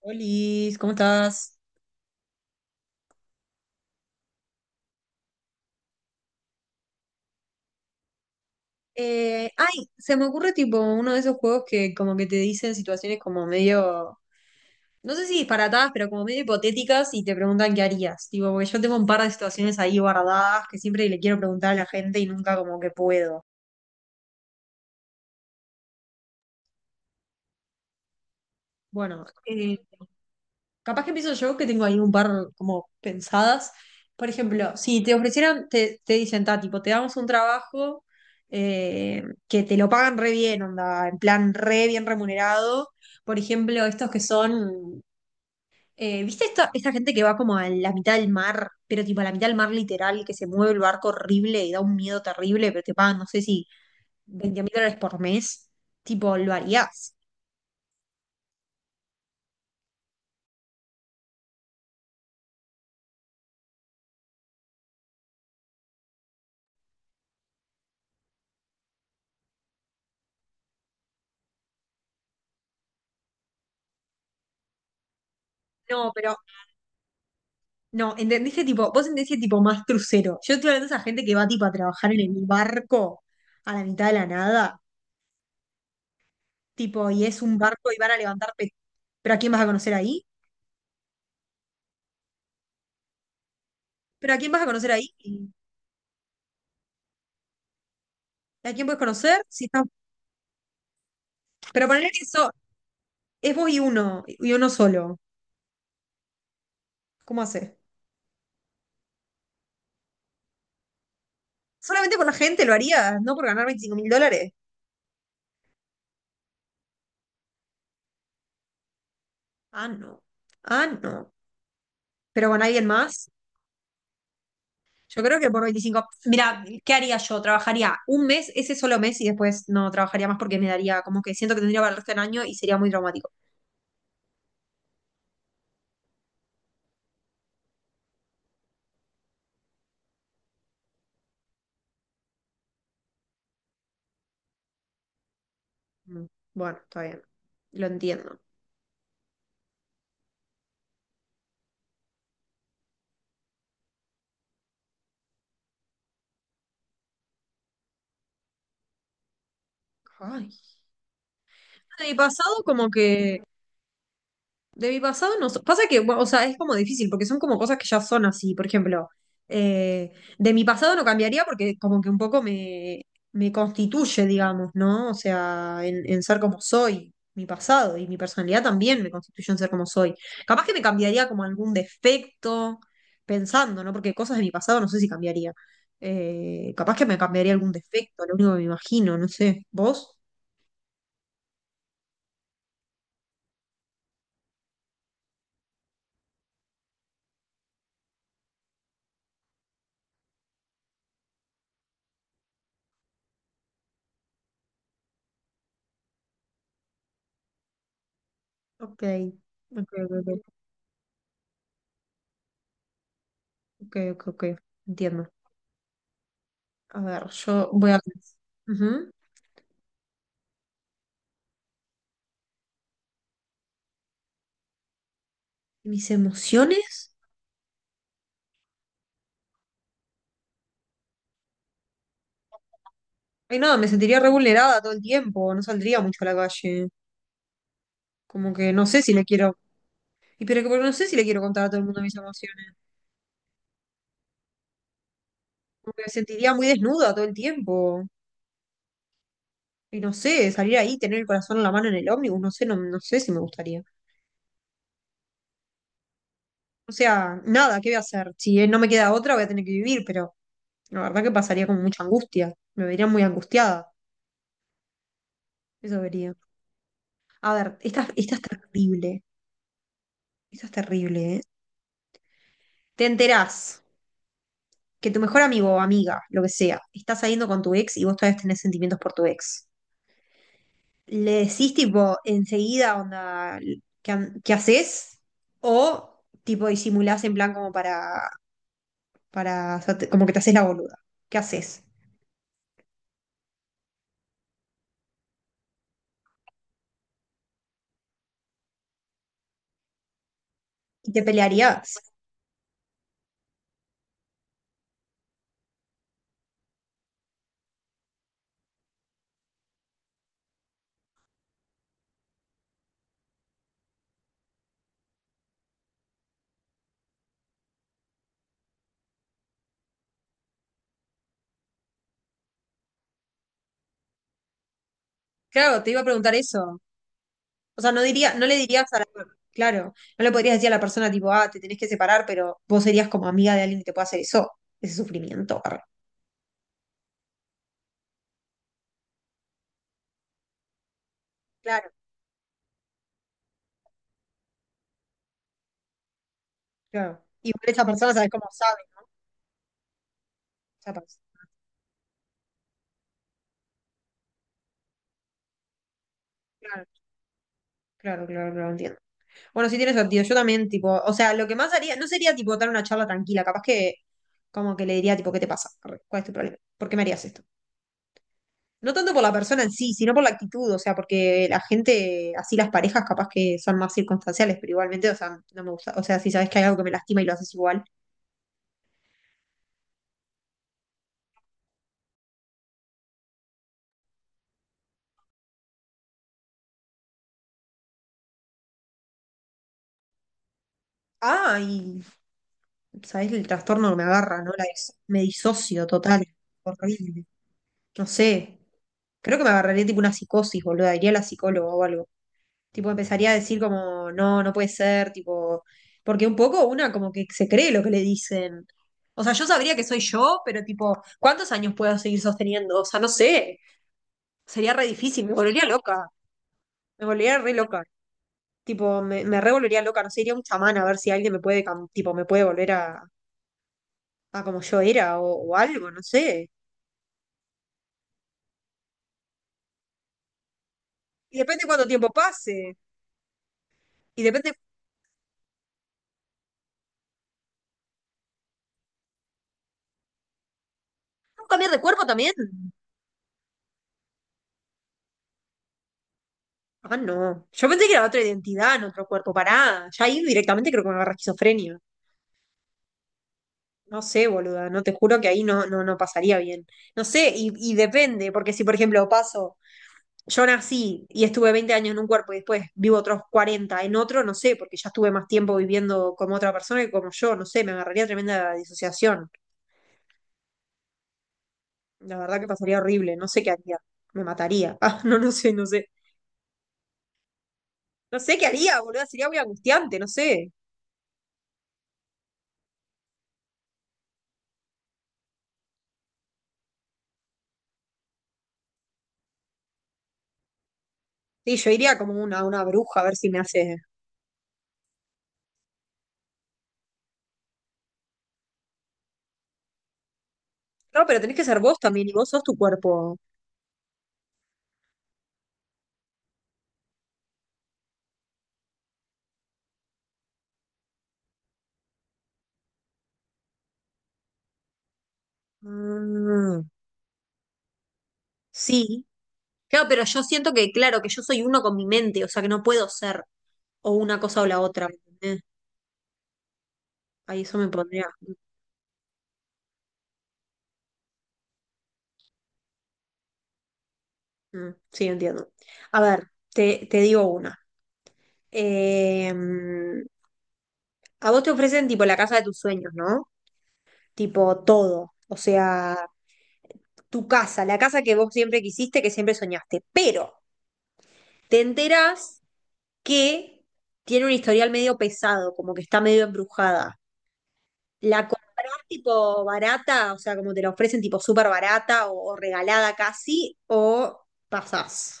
Olis, ¿cómo estás? Ay, se me ocurre tipo uno de esos juegos que como que te dicen situaciones como medio, no sé si disparatadas, pero como medio hipotéticas y te preguntan qué harías. Tipo, porque yo tengo un par de situaciones ahí guardadas que siempre le quiero preguntar a la gente y nunca como que puedo. Bueno, capaz que empiezo yo, que tengo ahí un par como pensadas. Por ejemplo, si te ofrecieran, te dicen, ta, tipo, te damos un trabajo eh, que te lo pagan re bien, onda, en plan re bien remunerado. Por ejemplo, estos que son, ¿viste esta gente que va como a la mitad del mar, pero tipo a la mitad del mar literal, que se mueve el barco horrible y da un miedo terrible, pero te pagan, no sé si 20 mil dólares por mes? Tipo, lo harías. No, pero no, entendiste tipo, vos entendiste tipo más crucero. Yo estoy hablando de esa gente que va tipo a trabajar en el barco a la mitad de la nada, tipo, y es un barco y van a levantar pe- ¿Pero a quién vas a conocer ahí? ¿Pero a quién vas a conocer ahí? ¿A quién puedes conocer? Si está... Pero ponerle que eso es vos y uno solo. ¿Cómo haces? ¿Solamente con la gente lo harías? ¿No por ganar $25.000? Ah, no. Ah, no. ¿Pero con alguien más? Yo creo que por veinticinco. Mira, ¿qué haría yo? Trabajaría un mes, ese solo mes, y después no trabajaría más porque me daría como que siento que tendría para el resto del año y sería muy traumático. Mm, bueno, está bien. Lo entiendo. Ay. Bueno, y pasado como que de mi pasado no. Pasa que, bueno, o sea, es como difícil porque son como cosas que ya son así. Por ejemplo, eh, de mi pasado no cambiaría porque como que un poco me, me constituye, digamos, ¿no? O sea, en ser como soy, mi pasado y mi personalidad también me constituye en ser como soy. Capaz que me cambiaría como algún defecto, pensando, ¿no? Porque cosas de mi pasado no sé si cambiaría. Capaz que me cambiaría algún defecto, lo único que me imagino, no sé. ¿Vos? Ok, ok, ok, ok, ok, ok, ok, entiendo. A ver, yo voy a... Ujú. ¿Mis emociones? Ay, no, me sentiría re vulnerada todo el tiempo, no saldría mucho a la calle. Como que no sé si le quiero... Y pero que porque no sé si le quiero contar a todo el mundo mis emociones. Como que me sentiría muy desnuda todo el tiempo. Y no sé, salir ahí, tener el corazón en la mano en el ómnibus, no sé, no, no sé si me gustaría. O sea, nada, ¿qué voy a hacer? Si no me queda otra, voy a tener que vivir, pero la verdad que pasaría con mucha angustia. Me vería muy angustiada. Eso vería. A ver, esta es terrible. Esta es terrible, ¿eh? Te enterás que tu mejor amigo o amiga, lo que sea, está saliendo con tu ex y vos todavía tenés sentimientos por tu ex. ¿Le decís tipo enseguida onda qué, qué haces? ¿O tipo disimulás en plan como para como que te haces la boluda? ¿Qué haces? ¿Y te pelearías? Claro, te iba a preguntar eso. O sea, no diría, no le dirías a la, claro, no le podrías decir a la persona tipo, ah, te tenés que separar, pero vos serías como amiga de alguien que te pueda hacer eso, ese sufrimiento. Arre. Claro. Claro. Igual esa persona, ¿sabes cómo sabe, no? Esa persona. Claro, claro, claro, claro, entiendo. Bueno, sí tiene sentido. Yo también, tipo, o sea, lo que más haría, no sería tipo dar una charla tranquila, capaz que como que le diría, tipo, ¿qué te pasa? Arre, ¿cuál es tu problema? ¿Por qué me harías esto? No tanto por la persona en sí, sino por la actitud, o sea, porque la gente, así las parejas capaz que son más circunstanciales, pero igualmente, o sea, no me gusta. O sea, si sabes que hay algo que me lastima y lo haces igual. Ah, y sabes el trastorno que me agarra, ¿no? La me disocio total. Horrible. No sé, creo que me agarraría tipo una psicosis, boludo, iría a la psicóloga o algo. Tipo, empezaría a decir como, no, no puede ser, tipo, porque un poco una como que se cree lo que le dicen. O sea, yo sabría que soy yo, pero tipo, ¿cuántos años puedo seguir sosteniendo? O sea, no sé, sería re difícil, me volvería loca, me volvería re loca. Tipo, me re volvería loca, no sé, iría a un chamán a ver si alguien me puede, tipo, me puede volver a como yo era o algo, no sé. Y depende cuánto tiempo pase. Y depende, ¿puedo cambiar de cuerpo también? Ah, no. Yo pensé que era otra identidad en otro cuerpo. Pará. Ya ahí directamente creo que me agarra esquizofrenia. No sé, boluda. No te juro que ahí no, no, no pasaría bien. No sé, y depende, porque si, por ejemplo, paso, yo nací y estuve 20 años en un cuerpo y después vivo otros 40 en otro, no sé, porque ya estuve más tiempo viviendo como otra persona que como yo. No sé, me agarraría tremenda disociación. La verdad que pasaría horrible. No sé qué haría. Me mataría. Ah, no, no sé, no sé. No sé qué haría, boluda. Sería muy angustiante, no sé. Sí, yo iría como una bruja a ver si me hace. No, pero tenés que ser vos también y vos sos tu cuerpo. Mm, sí. Claro, pero yo siento que, claro, que yo soy uno con mi mente, o sea que no puedo ser o una cosa o la otra. ¿Entendés? Ahí eso me pondría. Mm, mm, sí, entiendo. A ver, te digo una. Eh, a vos te ofrecen tipo la casa de tus sueños, ¿no? Tipo todo. O sea, tu casa, la casa que vos siempre quisiste, que siempre soñaste. Pero te enterás que tiene un historial medio pesado, como que está medio embrujada. La compras tipo barata, o sea, como te la ofrecen tipo súper barata o regalada casi, o pasás.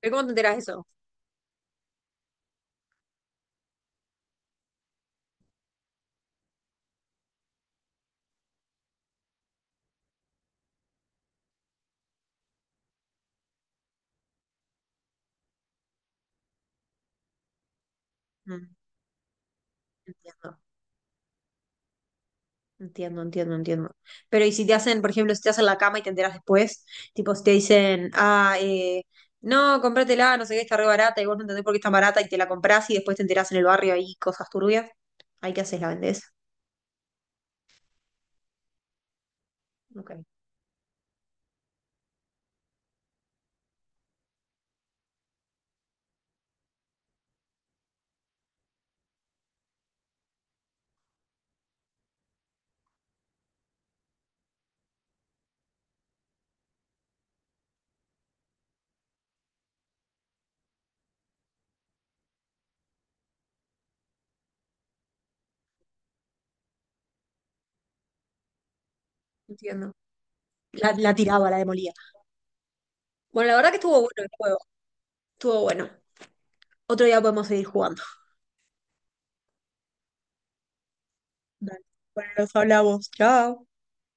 ¿Pero cómo te enteras de eso? Mm, entiendo, entiendo, entiendo, entiendo. Pero y si te hacen, por ejemplo, si te hacen la cama y te enteras después, tipo si te dicen, ah, no, cómpratela, no sé qué, está re barata y vos no entendés por qué está barata y te la comprás y después te enterás en el barrio ahí cosas turbias, ahí qué haces, la vendés. Ok, entiendo. La tiraba, la demolía. Bueno, la verdad que estuvo bueno el juego. Estuvo bueno. Otro día podemos seguir jugando. Dale. Bueno, nos hablamos. Chao.